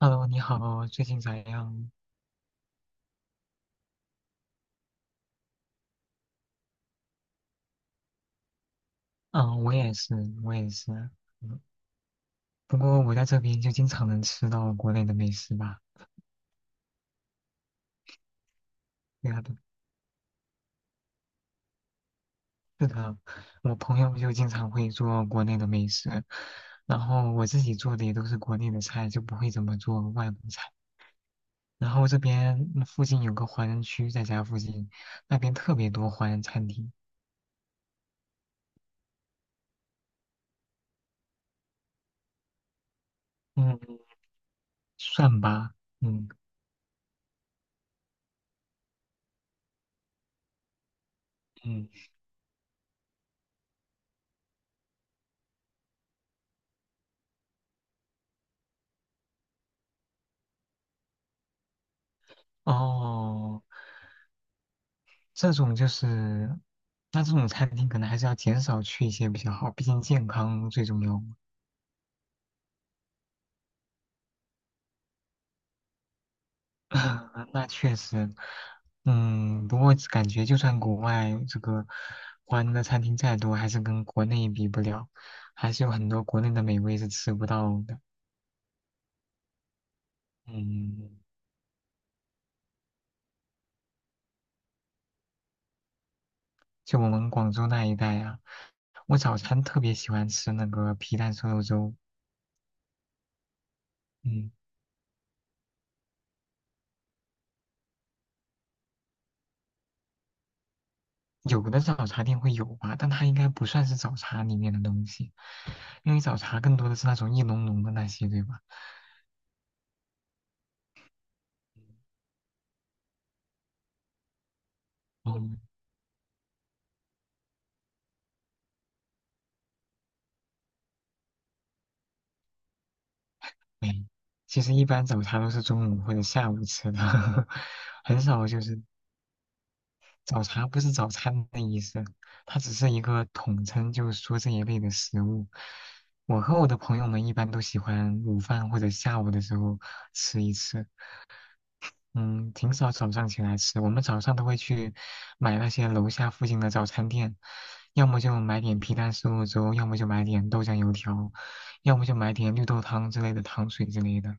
Hello，你好，最近咋样？嗯，我也是。嗯，不过我在这边就经常能吃到国内的美食吧。对啊，是的，我朋友就经常会做国内的美食，然后我自己做的也都是国内的菜，就不会怎么做外国菜。然后这边附近有个华人区，在家附近，那边特别多华人餐厅。嗯，算吧。嗯嗯。哦。这种就是，那这种餐厅可能还是要减少去一些比较好，毕竟健康最重要嘛。那确实，不过感觉就算国外这个华人的餐厅再多，还是跟国内比不了，还是有很多国内的美味是吃不到的。嗯，就我们广州那一带啊，我早餐特别喜欢吃那个皮蛋瘦肉粥。嗯。有的早茶店会有吧，但它应该不算是早茶里面的东西，因为早茶更多的是那种一浓浓的那些，对吧？嗯，没，其实一般早茶都是中午或者下午吃的，很少就是早茶不是早餐的意思，它只是一个统称，就是说这一类的食物。我和我的朋友们一般都喜欢午饭或者下午的时候吃一次。嗯，挺少早上起来吃，我们早上都会去买那些楼下附近的早餐店，要么就买点皮蛋瘦肉粥，要么就买点豆浆油条，要么就买点绿豆汤之类的糖水之类的。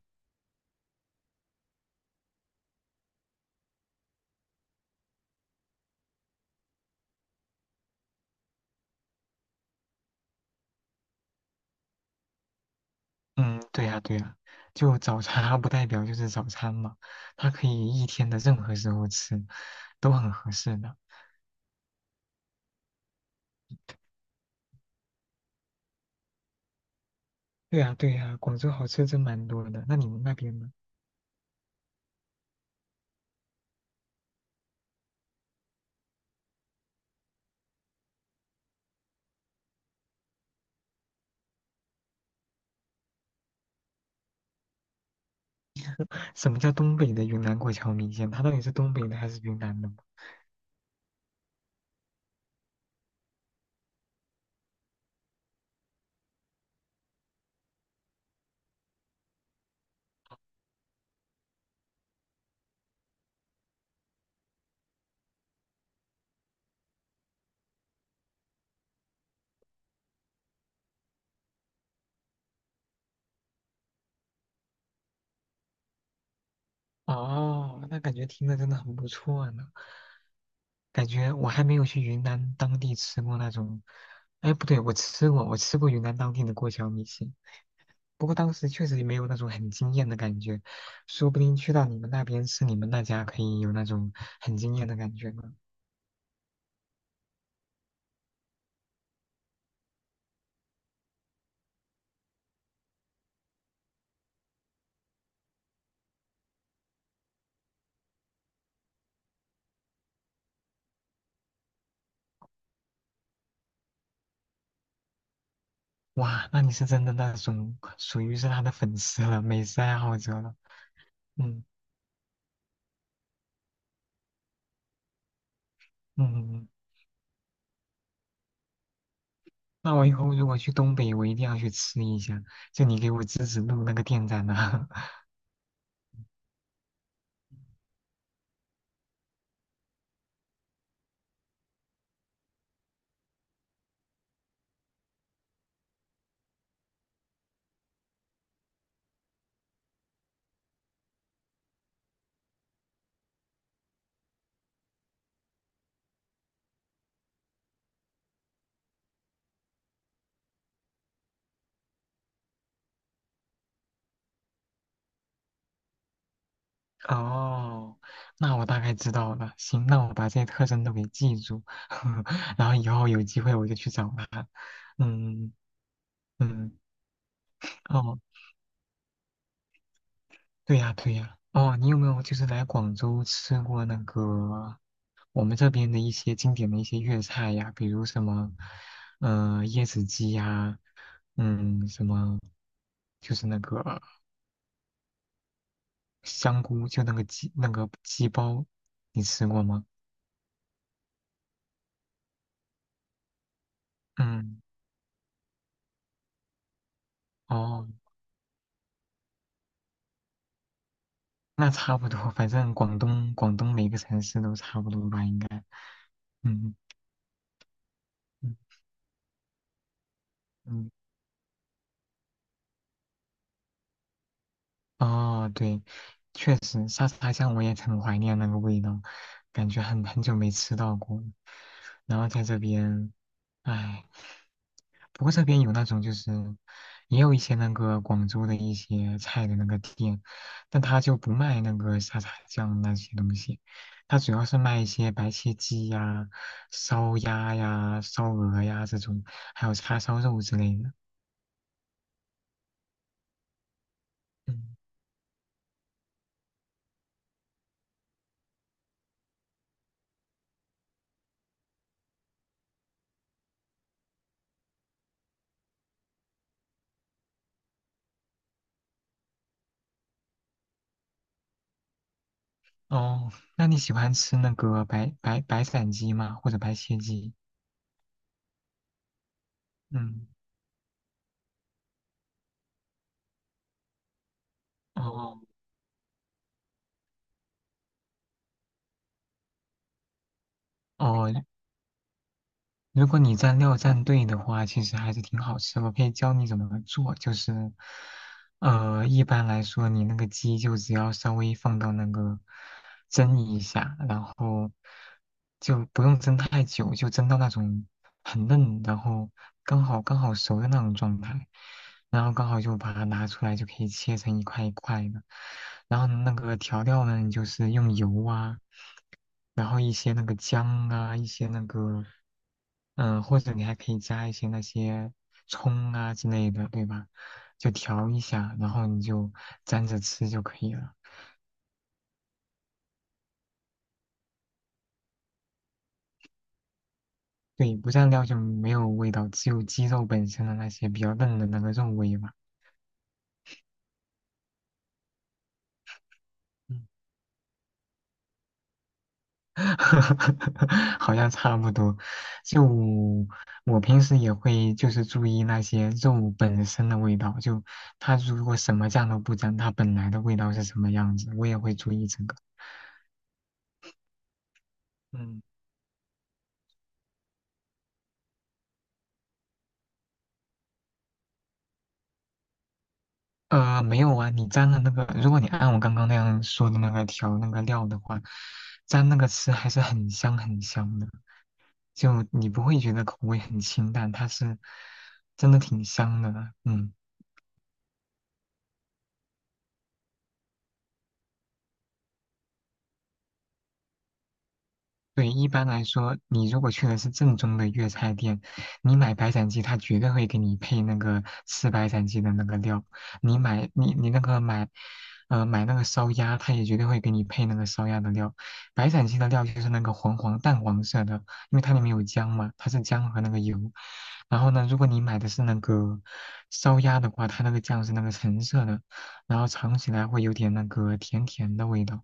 嗯，对呀，对呀，就早茶它不代表就是早餐嘛，它可以一天的任何时候吃，都很合适的。对呀，对呀，广州好吃真蛮多的。那你们那边呢？什么叫东北的云南过桥米线？它到底是东北的还是云南的？哦，那感觉听着真的很不错呢。感觉我还没有去云南当地吃过那种，哎，不对，我吃过云南当地的过桥米线，不过当时确实也没有那种很惊艳的感觉，说不定去到你们那边吃你们那家可以有那种很惊艳的感觉呢。哇，那你是真的那种属于是他的粉丝了，美食爱好者了。嗯嗯，嗯嗯那我以后如果去东北，我一定要去吃一下，就你给我指指路那个店在哪。哦，那我大概知道了。行，那我把这些特征都给记住，然后以后有机会我就去找他。嗯嗯，哦，对呀对呀。哦，你有没有就是来广州吃过那个我们这边的一些经典的一些粤菜呀？比如什么，嗯，椰子鸡呀，嗯，什么就是那个香菇，就那个鸡包，你吃过吗？嗯。哦，那差不多，反正广东每个城市都差不多吧，应该。嗯嗯嗯，哦，对，确实沙茶酱我也很怀念那个味道，感觉很久没吃到过了。然后在这边，唉。不过这边有那种就是，也有一些那个广州的一些菜的那个店，但他就不卖那个沙茶酱那些东西，他主要是卖一些白切鸡呀、烧鸭呀、烧鹅呀这种，还有叉烧肉之类的。嗯，哦，那你喜欢吃那个白斩鸡吗？或者白切鸡？嗯，哦哦，如果你蘸料蘸对的话，其实还是挺好吃。我可以教你怎么做，就是，一般来说，你那个鸡就只要稍微放到那个蒸一下，然后就不用蒸太久，就蒸到那种很嫩，然后刚好熟的那种状态，然后刚好就把它拿出来，就可以切成一块一块的。然后那个调料呢，你就是用油啊，然后一些那个姜啊，一些那个。或者你还可以加一些那些葱啊之类的，对吧？就调一下，然后你就蘸着吃就可以了。对，不蘸料就没有味道，只有鸡肉本身的那些比较嫩的那个肉味吧。嗯，好像差不多。就我平时也会就是注意那些肉本身的味道，就它如果什么酱都不沾，它本来的味道是什么样子，我也会注意这个。嗯。没有啊，你蘸了那个，如果你按我刚刚那样说的那个调料的话，蘸那个吃还是很香的，就你不会觉得口味很清淡，它是真的挺香的，嗯。对，一般来说，你如果去的是正宗的粤菜店，你买白斩鸡，他绝对会给你配那个吃白斩鸡的那个料。你买你你那个买，呃，买那个烧鸭，他也绝对会给你配那个烧鸭的料。白斩鸡的料就是那个黄淡黄色的，因为它里面有姜嘛，它是姜和那个油。然后呢，如果你买的是那个烧鸭的话，它那个酱是那个橙色的，然后尝起来会有点那个甜甜的味道，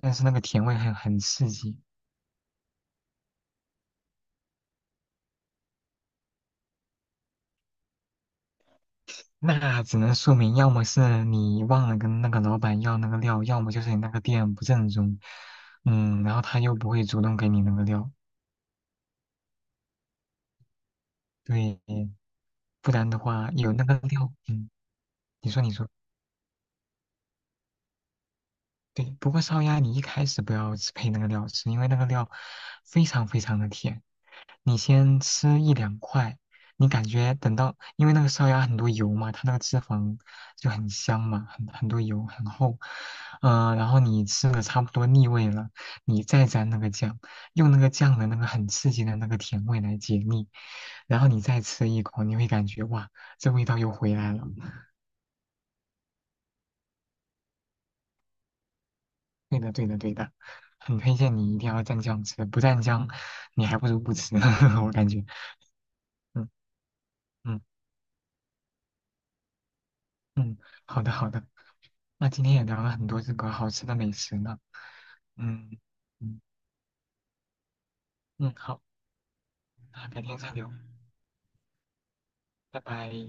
但是那个甜味很刺激。那只能说明，要么是你忘了跟那个老板要那个料，要么就是你那个店不正宗，嗯，然后他又不会主动给你那个料，对，不然的话有那个料，嗯，你说你说，对，不过烧鸭你一开始不要吃配那个料吃，因为那个料非常非常的甜，你先吃一两块，你感觉等到，因为那个烧鸭很多油嘛，它那个脂肪就很香嘛，很多油，很厚，嗯，然后你吃的差不多腻味了，你再蘸那个酱，用那个酱的那个很刺激的那个甜味来解腻，然后你再吃一口，你会感觉哇，这味道又回来了。对的，对的，对的，很推荐你一定要蘸酱吃，不蘸酱，你还不如不吃，我感觉。嗯嗯嗯，好的好的，那今天也聊了很多这个好吃的美食呢，嗯嗯嗯，好，那改天再聊，拜拜。